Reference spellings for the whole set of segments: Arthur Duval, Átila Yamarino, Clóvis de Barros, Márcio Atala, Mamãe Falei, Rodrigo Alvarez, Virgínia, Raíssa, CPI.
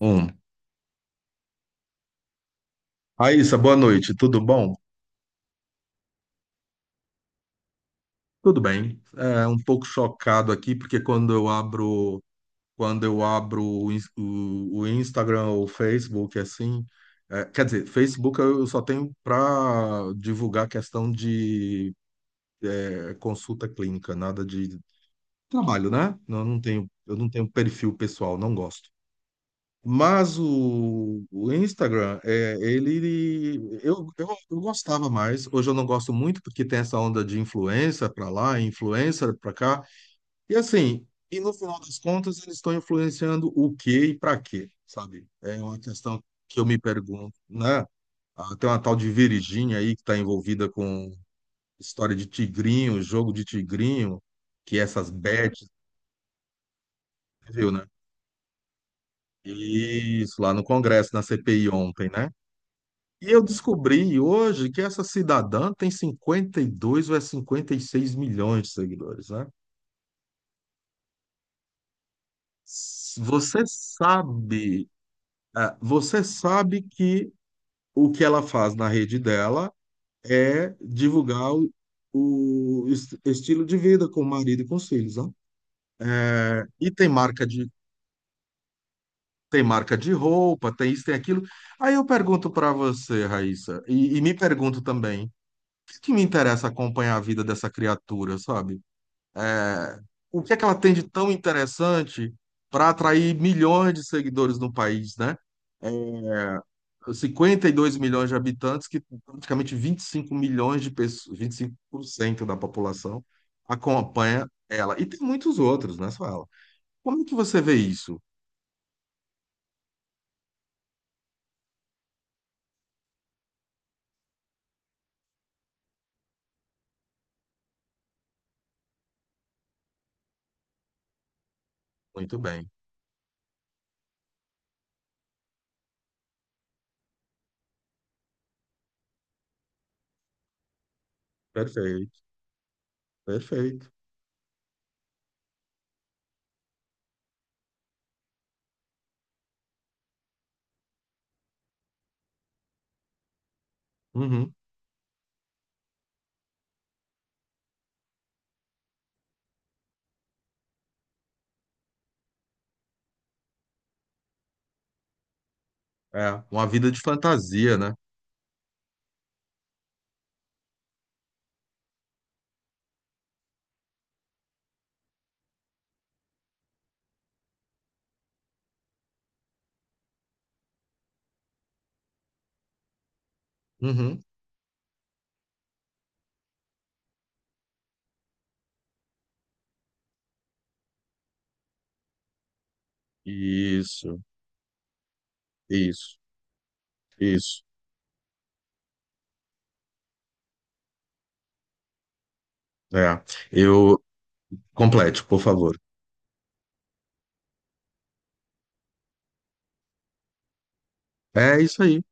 Um. Raíssa, boa noite, tudo bom? Tudo bem. É um pouco chocado aqui, porque quando eu abro o Instagram ou o Facebook, assim, quer dizer, Facebook eu só tenho para divulgar questão de consulta clínica, nada de trabalho, né? Não, não tenho. Eu não tenho perfil pessoal, não gosto. Mas o Instagram, eu gostava mais. Hoje eu não gosto muito porque tem essa onda de influencer para lá, influencer para cá. E assim, e no final das contas, eles estão influenciando o quê e para quê, sabe? É uma questão que eu me pergunto, né? Ah, tem uma tal de Virgínia aí que está envolvida com história de tigrinho, jogo de tigrinho, que é essas bets, viu, né? Isso, lá no Congresso, na CPI ontem, né? E eu descobri hoje que essa cidadã tem 52 ou é 56 milhões de seguidores, né? S- Você sabe, você sabe que o que ela faz na rede dela é divulgar o estilo de vida com o marido e com os filhos, né? E tem marca de roupa, tem isso, tem aquilo. Aí eu pergunto para você, Raíssa, e me pergunto também, o que que me interessa acompanhar a vida dessa criatura, sabe? É, o que é que ela tem de tão interessante para atrair milhões de seguidores no país, né? É, 52 milhões de habitantes, que praticamente 25 milhões de pessoas, 25% da população acompanha ela. E tem muitos outros, né? Só ela. Como é que você vê isso? Muito bem. Perfeito, perfeito. Uhum. É, uma vida de fantasia, né? Uhum. Isso, isso, isso. É. Eu Complete, por favor. É isso aí.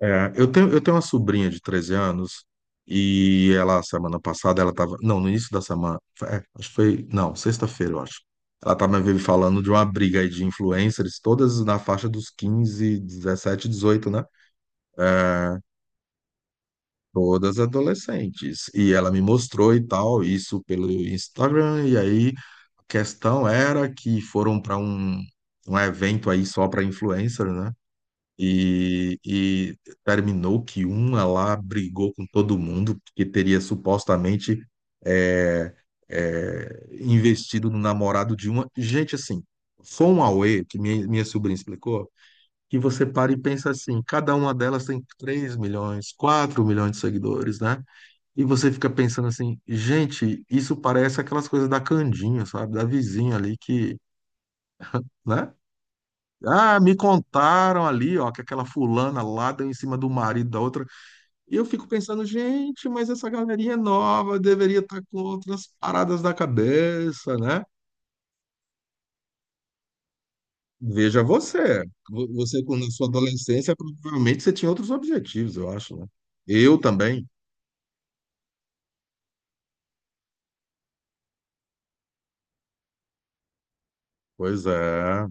Eu tenho uma sobrinha de 13 anos e ela, semana passada, ela estava não, no início da semana, acho que foi, não, sexta-feira, eu acho. Ela estava me falando de uma briga aí de influencers, todas na faixa dos 15 17 18, né? Todas adolescentes. E ela me mostrou e tal, isso pelo Instagram, e aí a questão era que foram para um, um evento aí só para influencer, né? E terminou que uma lá brigou com todo mundo, porque teria supostamente é, investido no namorado de uma. Gente, assim, foi um auê que minha sobrinha explicou, que você para e pensa assim: cada uma delas tem 3 milhões, 4 milhões de seguidores, né? E você fica pensando assim: gente, isso parece aquelas coisas da Candinha, sabe? Da vizinha ali que. Né? Ah, me contaram ali, ó, que aquela fulana lá deu em cima do marido da outra. E eu fico pensando, gente, mas essa galerinha é nova, deveria estar com outras paradas da cabeça, né? Veja você. Você, quando na sua adolescência, provavelmente você tinha outros objetivos, eu acho, né? Eu também. Pois é.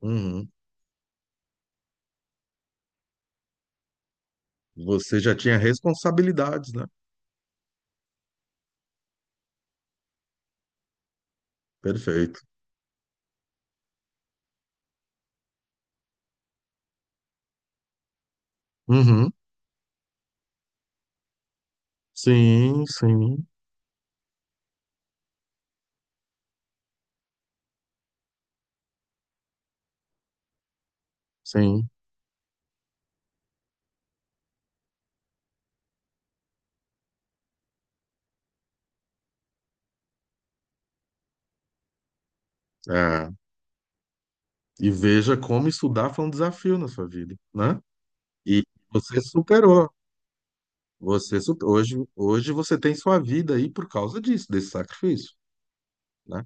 Uhum. Você já tinha responsabilidades, né? Perfeito. Uhum. Sim, sim, sim. É. E veja como estudar foi um desafio na sua vida, né? E você superou. Hoje você tem sua vida aí por causa disso, desse sacrifício, né?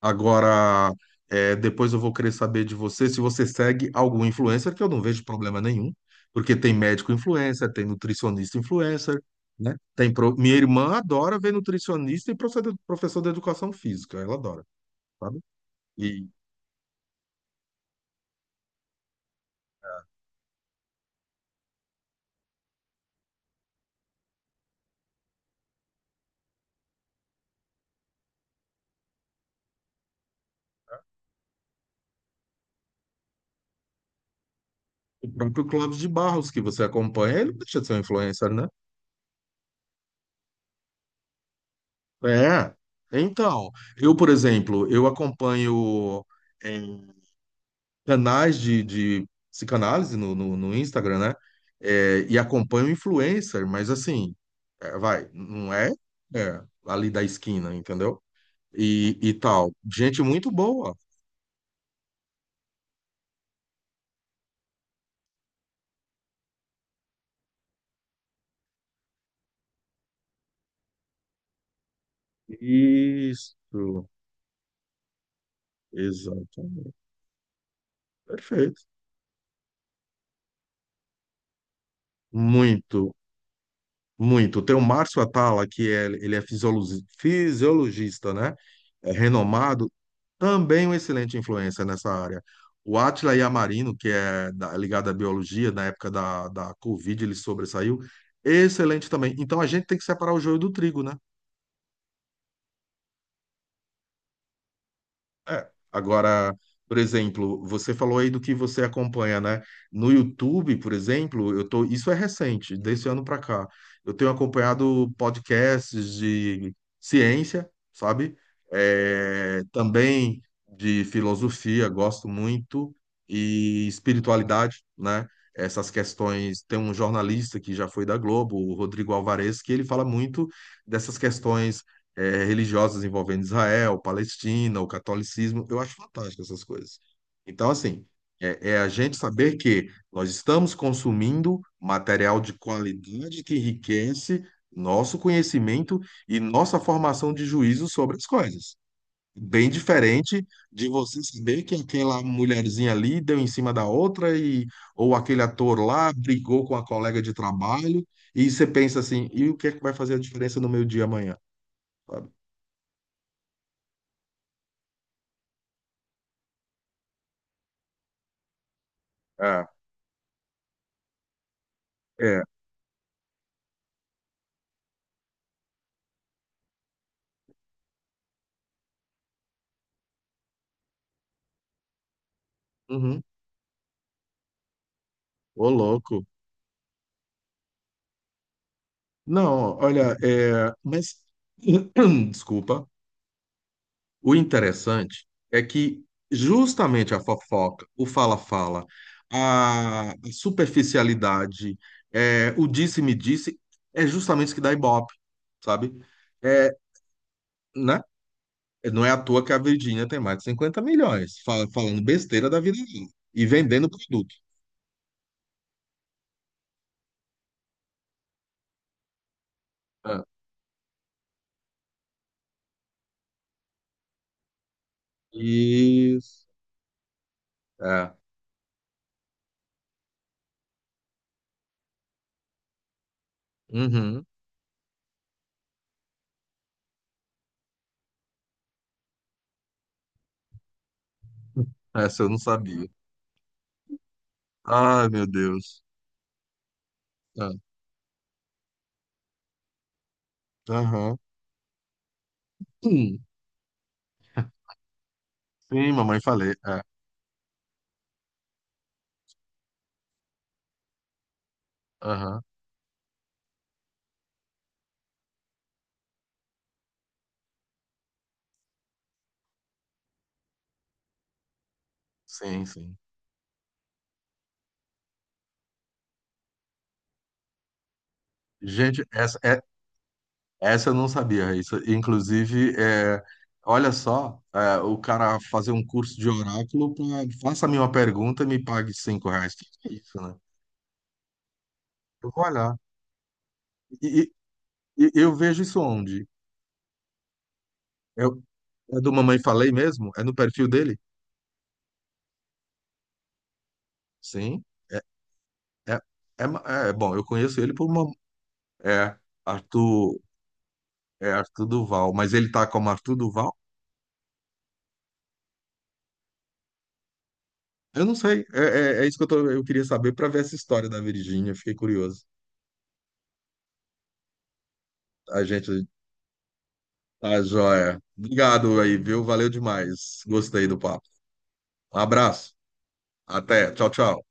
Agora, depois eu vou querer saber de você se você segue algum influencer, que eu não vejo problema nenhum, porque tem médico influencer, tem nutricionista influencer, né? Minha irmã adora ver nutricionista e professor de educação física, ela adora, sabe? E o próprio Clóvis de Barros, que você acompanha, ele não deixa de ser um influencer, né? É, então, eu, por exemplo, eu acompanho em canais de psicanálise no Instagram, né? E acompanho influencer, mas assim, vai, não é, ali da esquina, entendeu? E tal. Gente muito boa. Isso, exatamente. Perfeito. Muito, muito. Tem o Márcio Atala, ele é fisiologista, fisiologista, né? É renomado, também uma excelente influência nessa área. O Átila Yamarino, que é ligado à biologia, na época da Covid, ele sobressaiu. Excelente também. Então a gente tem que separar o joio do trigo, né? É, agora, por exemplo, você falou aí do que você acompanha, né? No YouTube, por exemplo, isso é recente, desse ano para cá. Eu tenho acompanhado podcasts de ciência, sabe? Também de filosofia, gosto muito, e espiritualidade, né? Essas questões. Tem um jornalista que já foi da Globo, o Rodrigo Alvarez, que ele fala muito dessas questões religiosas envolvendo Israel, Palestina, o catolicismo. Eu acho fantástico essas coisas. Então, assim, é a gente saber que nós estamos consumindo material de qualidade que enriquece nosso conhecimento e nossa formação de juízo sobre as coisas. Bem diferente de você saber que aquela mulherzinha ali deu em cima da outra e ou aquele ator lá brigou com a colega de trabalho, e você pensa assim: e o que é que vai fazer a diferença no meu dia amanhã? Sabe? É. É. Uhum. Ô, louco. Não, olha, mas desculpa. O interessante é que justamente a fofoca, o fala-fala, a superficialidade, o disse-me-disse, é justamente isso que dá ibope, sabe? É, né? Não é à toa que a Virgínia tem mais de 50 milhões, falando besteira da vida dela e vendendo produto. É. Isso. É. Uhum. Essa eu não sabia. Ai, meu Deus. Tá. Aham. Hum. Sim, mamãe falei. É. Aham. Sim, sim. Gente, essa eu não sabia, Raíssa. Inclusive, olha só, o cara fazer um curso de oráculo pra, faça-me uma pergunta e me pague R$ 5. Que é isso, né? Eu vou olhar. E, e- e eu vejo isso onde? Eu, é do Mamãe Falei mesmo? É no perfil dele? Sim. É, é, bom, eu conheço ele por uma. É, Arthur. É Arthur Duval, mas ele tá como Arthur Duval? Eu não sei. É isso que eu queria saber para ver essa história da Virgínia. Fiquei curioso. A gente tá joia. Obrigado aí, viu? Valeu demais. Gostei do papo. Um abraço. Até. Tchau, tchau.